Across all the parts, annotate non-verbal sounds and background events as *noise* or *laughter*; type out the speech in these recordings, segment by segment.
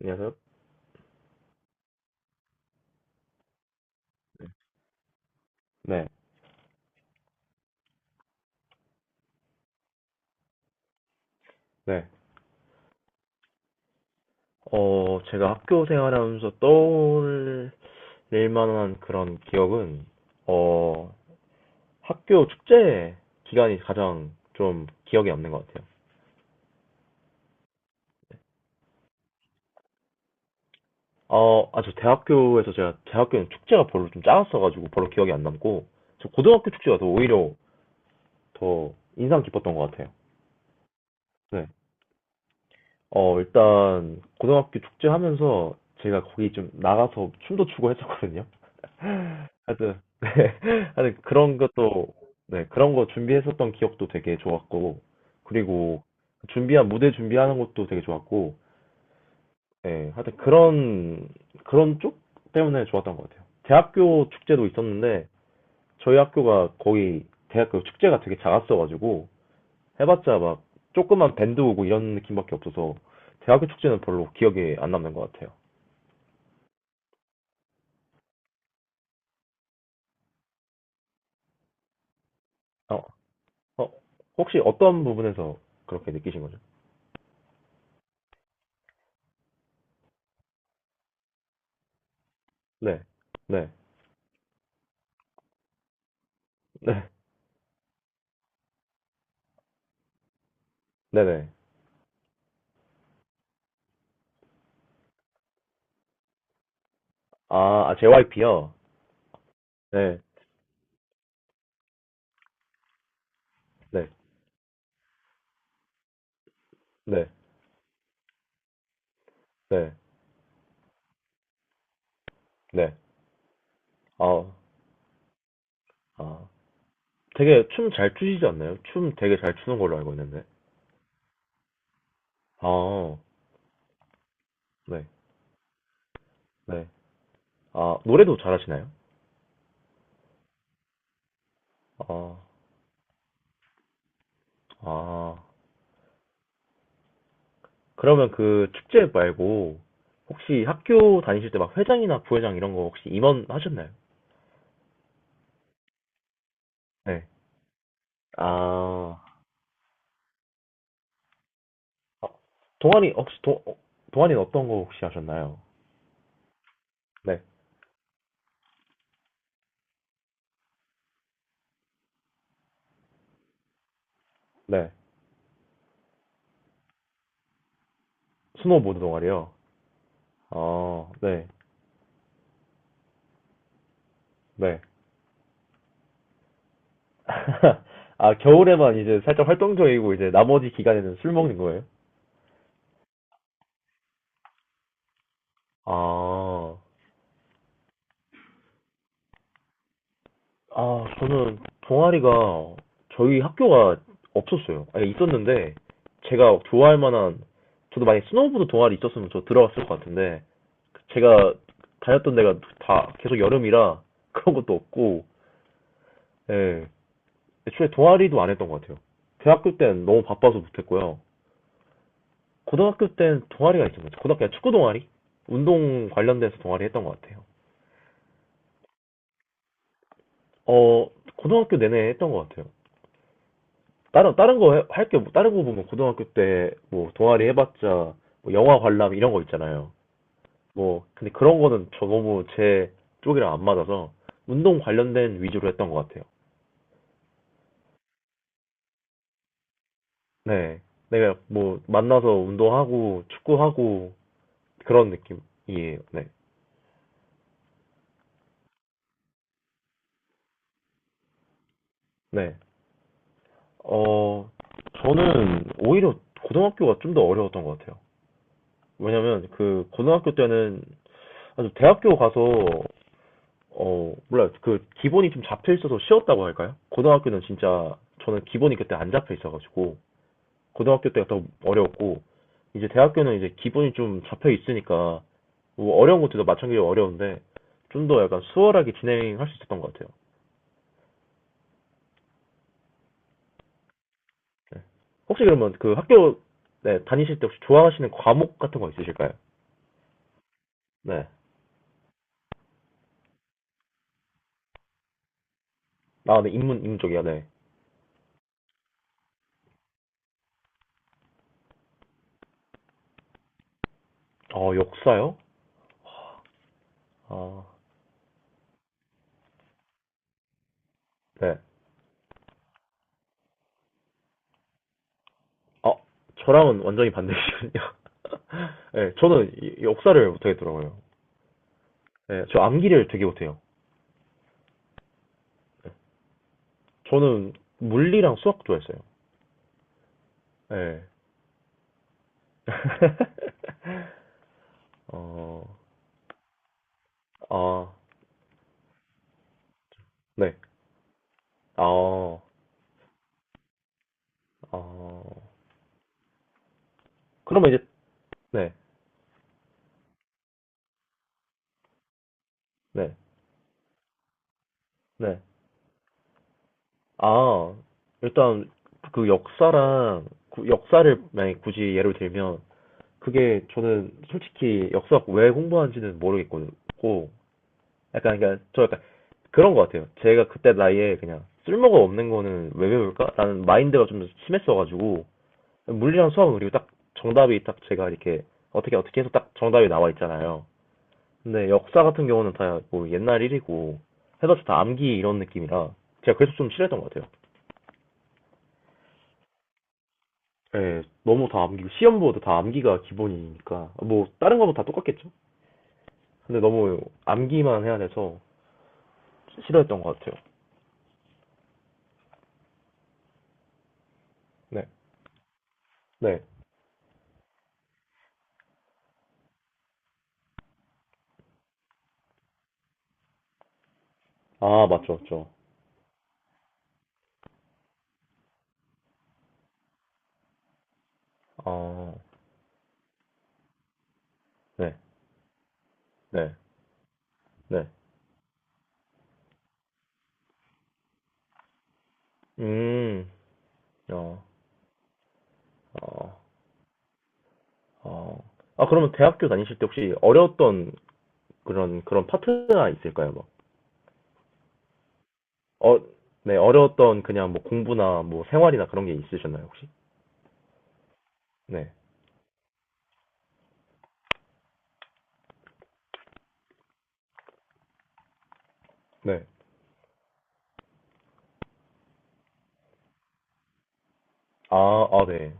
안녕하세요. 네, 네. 어, 제가 학교 생활하면서 떠올릴 만한 그런 기억은, 어, 학교 축제 기간이 가장 좀 기억에 남는 것 같아요. 어, 아, 저 대학교에서 제가, 제 학교는 축제가 별로 좀 작았어가지고 별로 기억이 안 남고, 저 고등학교 축제가 더 오히려 더 인상 깊었던 것 같아요. 네. 어, 일단, 고등학교 축제 하면서 제가 거기 좀 나가서 춤도 추고 했었거든요. 하여튼, *laughs* 네. 하여튼 그런 것도, 네. 그런 거 준비했었던 기억도 되게 좋았고, 그리고 준비한, 무대 준비하는 것도 되게 좋았고, 예. 하여튼 그런, 그런 쪽 때문에 좋았던 것 같아요. 대학교 축제도 있었는데, 저희 학교가 거의 대학교 축제가 되게 작았어가지고, 해봤자 막 조그만 밴드 오고 이런 느낌밖에 없어서, 대학교 축제는 별로 기억에 안 남는 것 같아요. 어, 어, 혹시 어떤 부분에서 그렇게 느끼신 거죠? 네, 네. 네. 네네. 아, 아, JYP요? 네. 네. 네. 네. 네. 아, 아. 되게 춤 잘 추시지 않나요? 춤 되게 잘 추는 걸로 알고 있는데. 아, 네. 네. 아, 노래도 잘하시나요? 아, 아. 그러면 그 축제 말고 혹시 학교 다니실 때 막 회장이나 부회장 이런 거 혹시 임원 하셨나요? 네. 아, 아, 동아리 혹시 어, 동아리는 어떤 거 혹시 하셨나요? 네. 네. 스노우보드 동아리요? 어, 네, 네. *laughs* 아, 겨울에만 이제 살짝 활동적이고 이제 나머지 기간에는 술 먹는 거예요? 아, 아, 저는 동아리가 저희 학교가 없었어요. 아니, 있었는데 제가 좋아할 만한 저도 만약에 스노우보드 동아리 있었으면 저 들어갔을 것 같은데 제가 다녔던 데가 다 계속 여름이라 그런 것도 없고 예, 애초에 동아리도 안 했던 것 같아요. 대학교 때는 너무 바빠서 못했고요. 고등학교 땐 동아리가 있었죠. 고등학교 축구 동아리? 운동 관련돼서 동아리 했던 것 같아요. 어, 고등학교 내내 했던 것 같아요. 다른 거 할 게, 뭐, 다른 거 보면 고등학교 때 뭐 동아리 해봤자 뭐 영화 관람 이런 거 있잖아요. 뭐, 근데 그런 거는 저 너무 제 쪽이랑 안 맞아서 운동 관련된 위주로 했던 것 같아요. 네. 내가 뭐 만나서 운동하고 축구하고 그런 느낌이에요. 네. 네. 어, 저는 오히려 고등학교가 좀 더 어려웠던 것 같아요. 왜냐면 그 고등학교 때는 아주 대학교 가서 어, 몰라요. 그 기본이 좀 잡혀 있어서 쉬웠다고 할까요? 고등학교는 진짜 저는 기본이 그때 안 잡혀 있어가지고 고등학교 때가 더 어려웠고 이제 대학교는 이제 기본이 좀 잡혀 있으니까 뭐 어려운 것들도 마찬가지로 어려운데 좀 더 약간 수월하게 진행할 수 있었던 것 같아요. 혹시 그러면 그 학교 네, 다니실 때 혹시 좋아하시는 과목 같은 거 있으실까요? 네. 아, 네, 인문 쪽이요, 네. 어, 역사요? 아, 네. 아 저랑은 완전히 반대시거든요. *laughs* 네, 저는 역사를 못하겠더라고요. 네, 저 암기를 되게 못해요. 저는 물리랑 수학 좋아했어요. 네. *laughs* 어, 아, 네. 아, 아 그러면 이제, 네, 네, 네. 아, 일단 그 역사랑, 역사를 만약에 굳이 예를 들면, 그게 저는 솔직히 역사학 왜 공부하는지는 모르겠고 약간 그러니까 저 약간 그런 것 같아요. 제가 그때 나이에 그냥 쓸모가 없는 거는 왜 배울까? 라는 마인드가 좀 심했어가지고 물리랑 수학은 그리고 딱 정답이 딱 제가 이렇게 어떻게 어떻게 해서 딱 정답이 나와 있잖아요. 근데 역사 같은 경우는 다 뭐 옛날 일이고 해서 다 암기 이런 느낌이라 제가 그래서 좀 싫어했던 것 같아요. 예, 너무 다 암기고 시험 보도 다 암기가 기본이니까 뭐 다른 거보다 다 똑같겠죠. 근데 너무 암기만 해야 돼서 싫어했던 것 같아요. 네. 네. 아, 맞죠, 맞죠. 아, 네. 네. 네. 음. 어. 어. 어. 아, 그러면 대학교 다니실 때 혹시 어려웠던 그런 그런 파트가 있을까요? 막. 어, 네. 어려웠던 그냥 뭐 공부나 뭐 생활이나 그런 게 있으셨나요, 혹시? 네. 네. 아, 아, 네.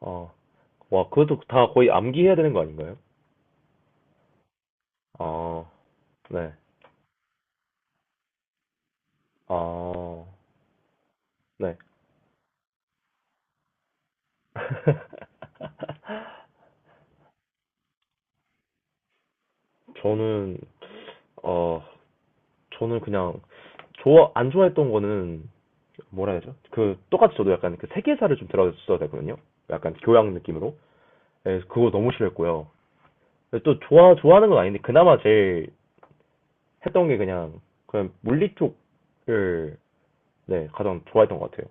어. 와, 그것도 다 거의 암기해야 되는 거 아닌가요? 아, 네. 아, 네. *laughs* 저는 어 저는 그냥 좋아 안 좋아했던 거는 뭐라 해야 되죠? 그 똑같이 저도 약간 그 세계사를 좀 들어줬어야 되거든요. 약간 교양 느낌으로. 예, 그거 너무 싫어했고요. 또 좋아하는 건 아닌데 그나마 제일 했던 게 그냥 물리 쪽을 네 가장 좋아했던 것 같아요.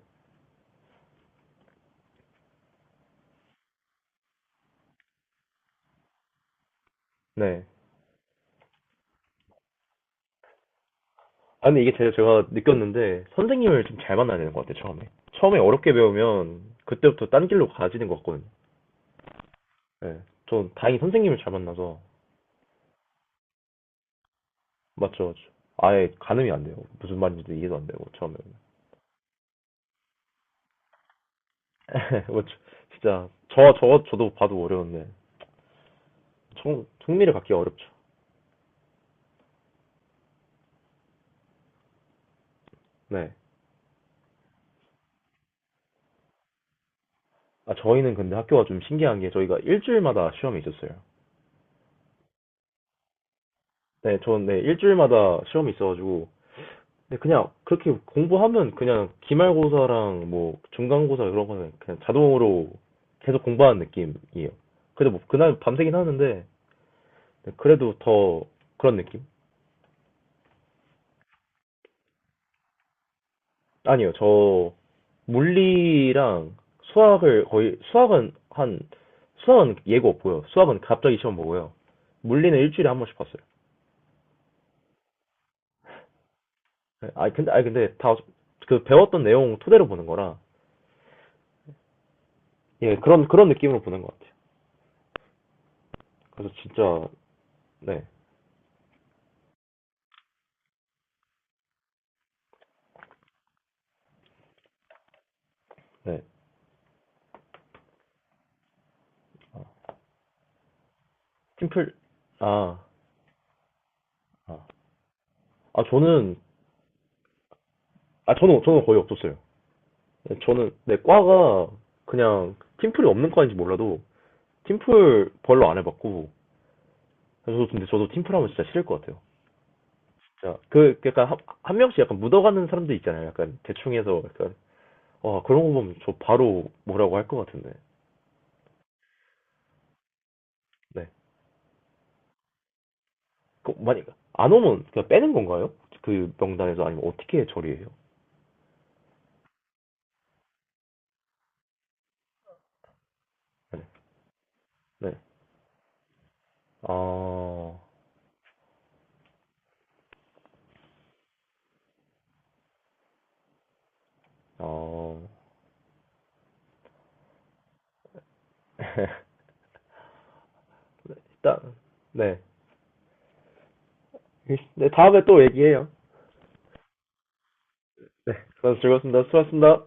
네. 아 근데 이게 제가 느꼈는데 선생님을 좀 잘 만나야 되는 것 같아요 처음에. 처음에 어렵게 배우면 그때부터 딴 길로 가지는 것 같거든요. 예. 전 다행히 선생님을 잘 만나서 맞죠, 맞죠. 아예 가늠이 안 돼요. 무슨 말인지도 이해도 안 되고, 처음에는. *laughs* 맞죠. 진짜, 저거 저도 봐도 어려운데, 흥미를 갖기 어렵죠. 네. 아, 저희는 근데 학교가 좀 신기한 게 저희가 일주일마다 시험이 있었어요. 네, 일주일마다 시험이 있어가지고, 근데 그냥 그렇게 공부하면 그냥 기말고사랑 뭐 중간고사 이런 거는 그냥 자동으로 계속 공부하는 느낌이에요. 그래도 뭐 그날 밤새긴 하는데, 그래도 더 그런 느낌? 아니요, 저 물리랑 수학을 거의 수학은 예고 없고요. 수학은 갑자기 시험 보고요. 물리는 일주일에 한 번씩 봤어요. 아 근데 다 그 배웠던 내용 토대로 보는 거라 예 그런 그런 느낌으로 보는 것 같아요. 그래서 진짜 네, 네. 팀플 아, 아, 아, 저는 아 저는 거의 없었어요. 저는 내 과가 그냥 팀플이 없는 과인지 몰라도 팀플 별로 안 해봤고 저도 근데 저도 팀플 하면 진짜 싫을 것 같아요. 진짜 그 약간 한 명씩 약간 묻어가는 사람들 있잖아요. 약간 대충 해서 약간 와 그런 거 보면 저 바로 뭐라고 할 것 같은데. 네. 그 만약 안 오면 그냥 빼는 건가요? 그 명단에서 아니면 어떻게 처리해요? 네. 네. 어, 어. *laughs* 일단 네. 네 다음에 또 얘기해요. 네. 그래서 즐거웠습니다. 수고하셨습니다.